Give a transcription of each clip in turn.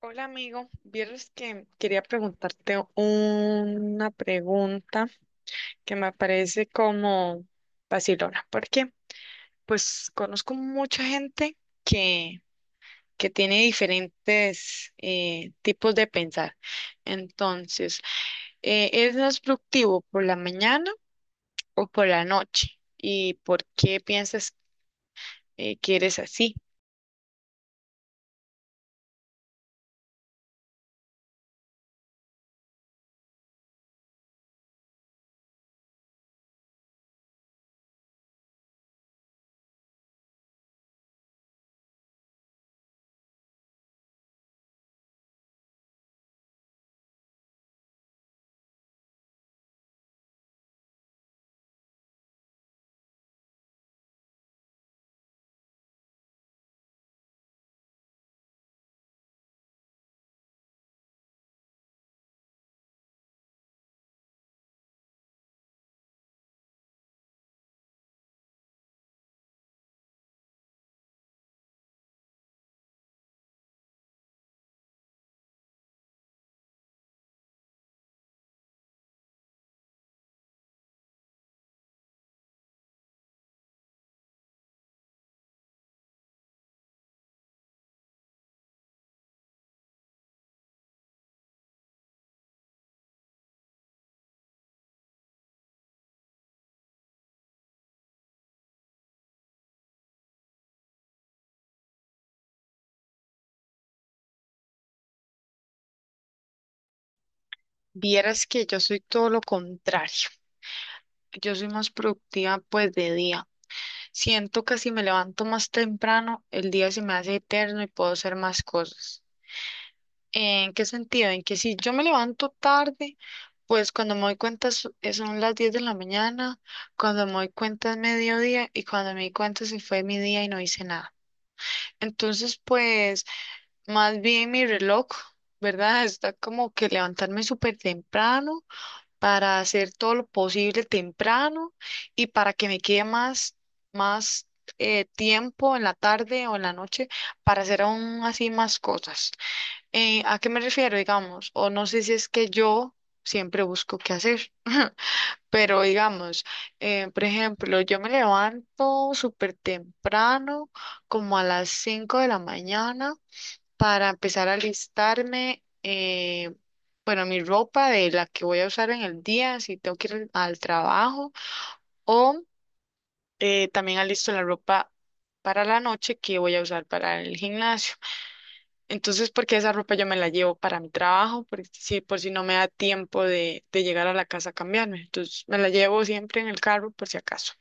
Hola amigo, vieras que quería preguntarte una pregunta que me parece como vacilona, porque pues conozco mucha gente que, que tiene diferentes tipos de pensar. Entonces, ¿eres más productivo por la mañana o por la noche? ¿Y por qué piensas que eres así? Vieras que yo soy todo lo contrario. Yo soy más productiva pues de día. Siento que si me levanto más temprano, el día se me hace eterno y puedo hacer más cosas. ¿En qué sentido? En que si yo me levanto tarde, pues cuando me doy cuenta son las 10 de la mañana, cuando me doy cuenta es mediodía y cuando me di cuenta se fue mi día y no hice nada. Entonces, pues más bien mi reloj, ¿verdad? Está como que levantarme súper temprano para hacer todo lo posible temprano y para que me quede más tiempo en la tarde o en la noche para hacer aún así más cosas. ¿A qué me refiero, digamos? O no sé si es que yo siempre busco qué hacer, pero digamos, por ejemplo, yo me levanto súper temprano, como a las 5 de la mañana para empezar a alistarme, bueno, mi ropa de la que voy a usar en el día, si tengo que ir al trabajo, o también alisto la ropa para la noche que voy a usar para el gimnasio. Entonces, porque esa ropa yo me la llevo para mi trabajo, por si no me da tiempo de llegar a la casa a cambiarme. Entonces, me la llevo siempre en el carro por si acaso.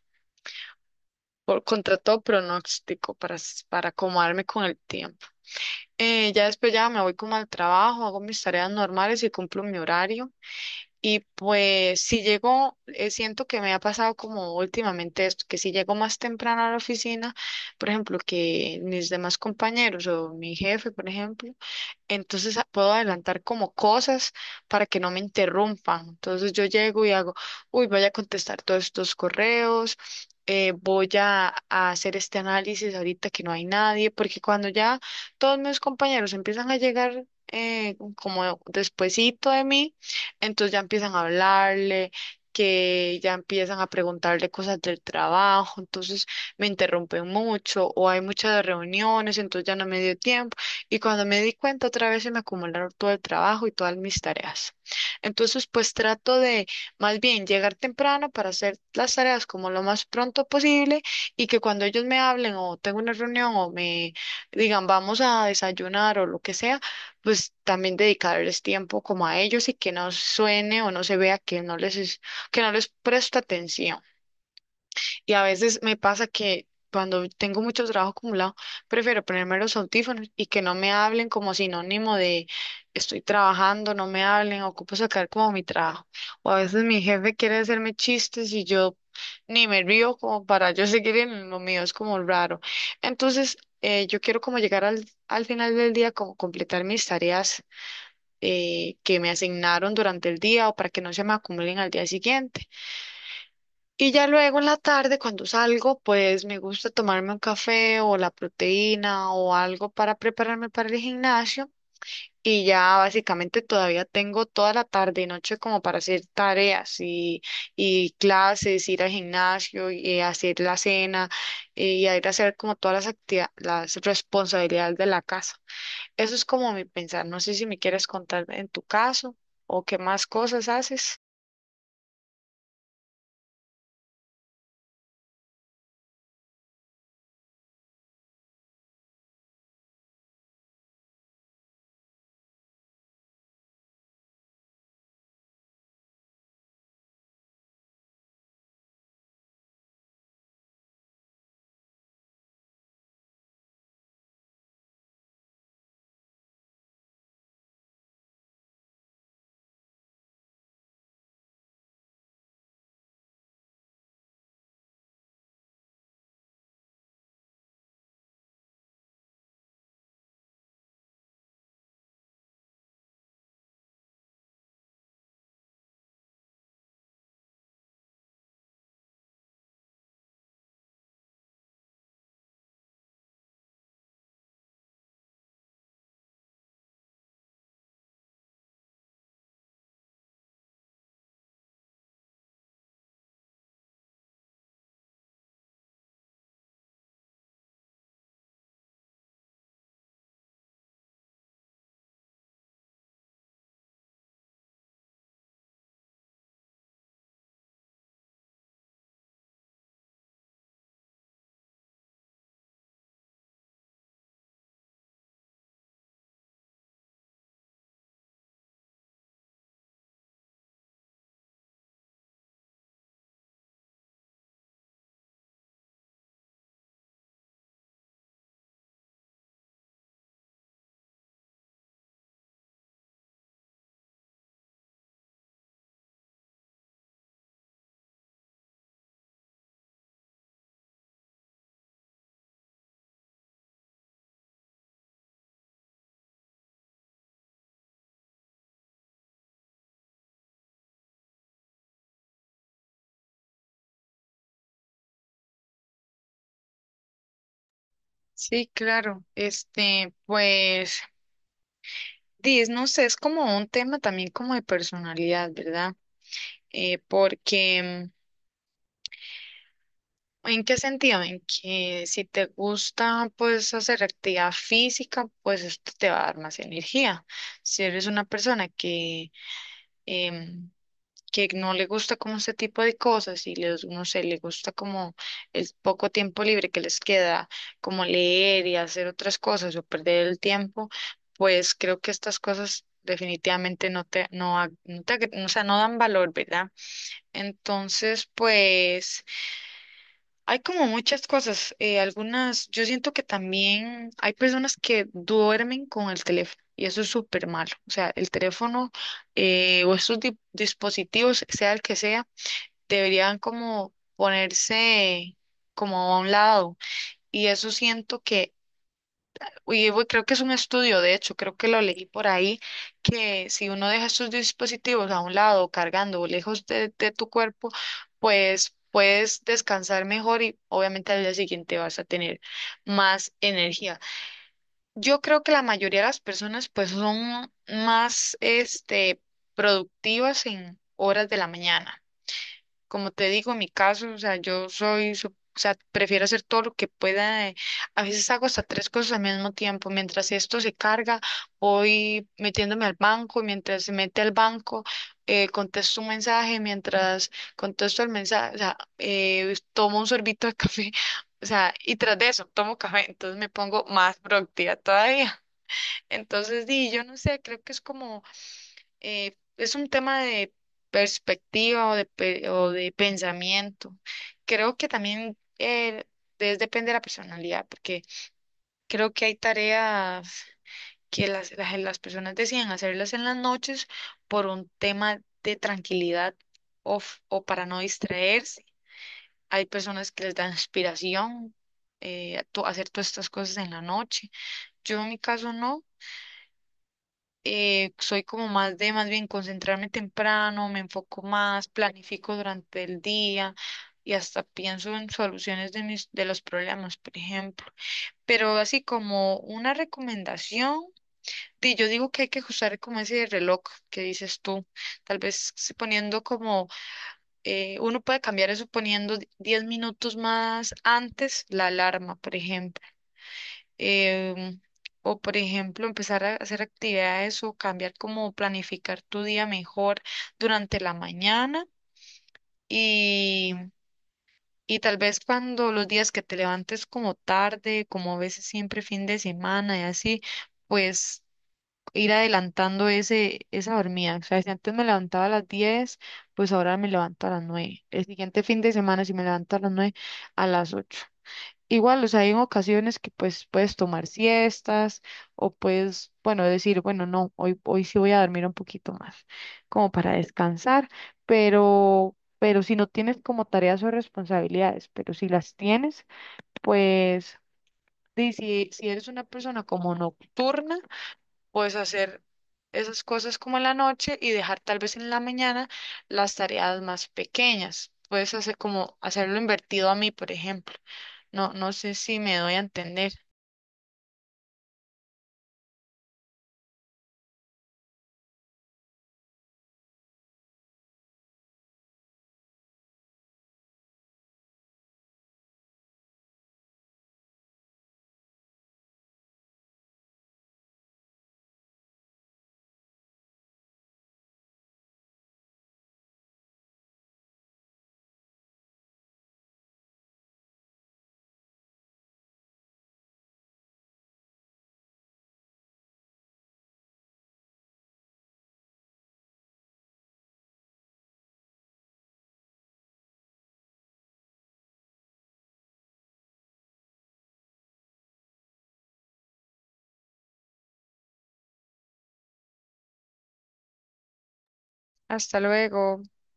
Por contra todo pronóstico, para acomodarme con el tiempo. Ya después ya me voy como al trabajo, hago mis tareas normales y cumplo mi horario. Y pues si llego, siento que me ha pasado como últimamente esto, que si llego más temprano a la oficina, por ejemplo, que mis demás compañeros o mi jefe, por ejemplo, entonces puedo adelantar como cosas para que no me interrumpan. Entonces yo llego y hago, uy, voy a contestar todos estos correos, voy a hacer este análisis ahorita que no hay nadie, porque cuando ya todos mis compañeros empiezan a llegar como despuesito de mí, entonces ya empiezan a hablarle, que ya empiezan a preguntarle cosas del trabajo, entonces me interrumpen mucho o hay muchas reuniones, entonces ya no me dio tiempo. Y cuando me di cuenta, otra vez se me acumularon todo el trabajo y todas mis tareas. Entonces, pues trato de más bien llegar temprano para hacer las tareas como lo más pronto posible y que cuando ellos me hablen o tengo una reunión o me digan vamos a desayunar o lo que sea, pues también dedicarles tiempo como a ellos y que no suene o no se vea que que no les presto atención. Y a veces me pasa que cuando tengo mucho trabajo acumulado, prefiero ponerme los audífonos y que no me hablen como sinónimo de estoy trabajando, no me hablen, ocupo sacar como mi trabajo. O a veces mi jefe quiere hacerme chistes y yo ni me río como para yo seguir en lo mío, es como raro. Entonces, yo quiero como llegar al final del día, como completar mis tareas que me asignaron durante el día o para que no se me acumulen al día siguiente. Y ya luego en la tarde, cuando salgo, pues me gusta tomarme un café o la proteína o algo para prepararme para el gimnasio. Y ya básicamente todavía tengo toda la tarde y noche como para hacer tareas y clases, ir al gimnasio y hacer la cena y a ir a hacer como todas las actividades, las responsabilidades de la casa. Eso es como mi pensar. No sé si me quieres contar en tu caso o qué más cosas haces. Sí, claro. Este, pues. No sé, es como un tema también como de personalidad, ¿verdad? Porque, ¿en qué sentido? En que si te gusta, pues, hacer actividad física, pues esto te va a dar más energía. Si eres una persona em, que no le gusta como este tipo de cosas y les, no sé, le gusta como el poco tiempo libre que les queda, como leer y hacer otras cosas o perder el tiempo, pues creo que estas cosas definitivamente no te, no, no te, o sea, no dan valor, ¿verdad? Entonces, pues hay como muchas cosas, algunas, yo siento que también hay personas que duermen con el teléfono. Y eso es súper malo. O sea, el teléfono o estos dispositivos, sea el que sea, deberían como ponerse como a un lado. Y eso siento que, y creo que es un estudio, de hecho, creo que lo leí por ahí, que si uno deja estos dispositivos a un lado, cargando o lejos de tu cuerpo, pues puedes descansar mejor y obviamente al día siguiente vas a tener más energía. Yo creo que la mayoría de las personas pues son más este productivas en horas de la mañana. Como te digo, en mi caso, o sea, yo soy, o sea, prefiero hacer todo lo que pueda. A veces hago hasta tres cosas al mismo tiempo. Mientras esto se carga, voy metiéndome al banco, mientras se mete al banco, contesto un mensaje, mientras contesto el mensaje, o sea, tomo un sorbito de café, o sea, y tras de eso tomo café, entonces me pongo más productiva todavía. Entonces, yo no sé, creo que es como es un tema de perspectiva o de, o de pensamiento. Creo que también depende de la personalidad, porque creo que hay tareas que las personas deciden hacerlas en las noches por un tema de tranquilidad o, o para no distraerse. Hay personas que les da inspiración a hacer todas estas cosas en la noche. Yo en mi caso no. Soy como más de más bien concentrarme temprano, me enfoco más, planifico durante el día y hasta pienso en soluciones de mis de los problemas, por ejemplo. Pero así como una recomendación, yo digo que hay que usar como ese reloj que dices tú, tal vez si poniendo como uno puede cambiar eso poniendo 10 minutos más antes la alarma, por ejemplo em, o por ejemplo, empezar a hacer actividades o cambiar como planificar tu día mejor durante la mañana y, y tal vez cuando los días que te levantes como tarde, como a veces siempre fin de semana y así, pues ir adelantando esa dormida. O sea, si antes me levantaba a las 10, pues ahora me levanto a las 9. El siguiente fin de semana, si me levanto a las 9, a las 8. Igual, o sea, hay en ocasiones que pues puedes tomar siestas o puedes, bueno, decir, bueno, no, hoy sí voy a dormir un poquito más, como para descansar, pero si no tienes como tareas o responsabilidades, pero si las tienes, pues, si eres una persona como nocturna, puedes hacer esas cosas como en la noche y dejar tal vez en la mañana las tareas más pequeñas. Puedes hacer como hacerlo invertido a mí, por ejemplo. No, no sé si me doy a entender. Hasta luego.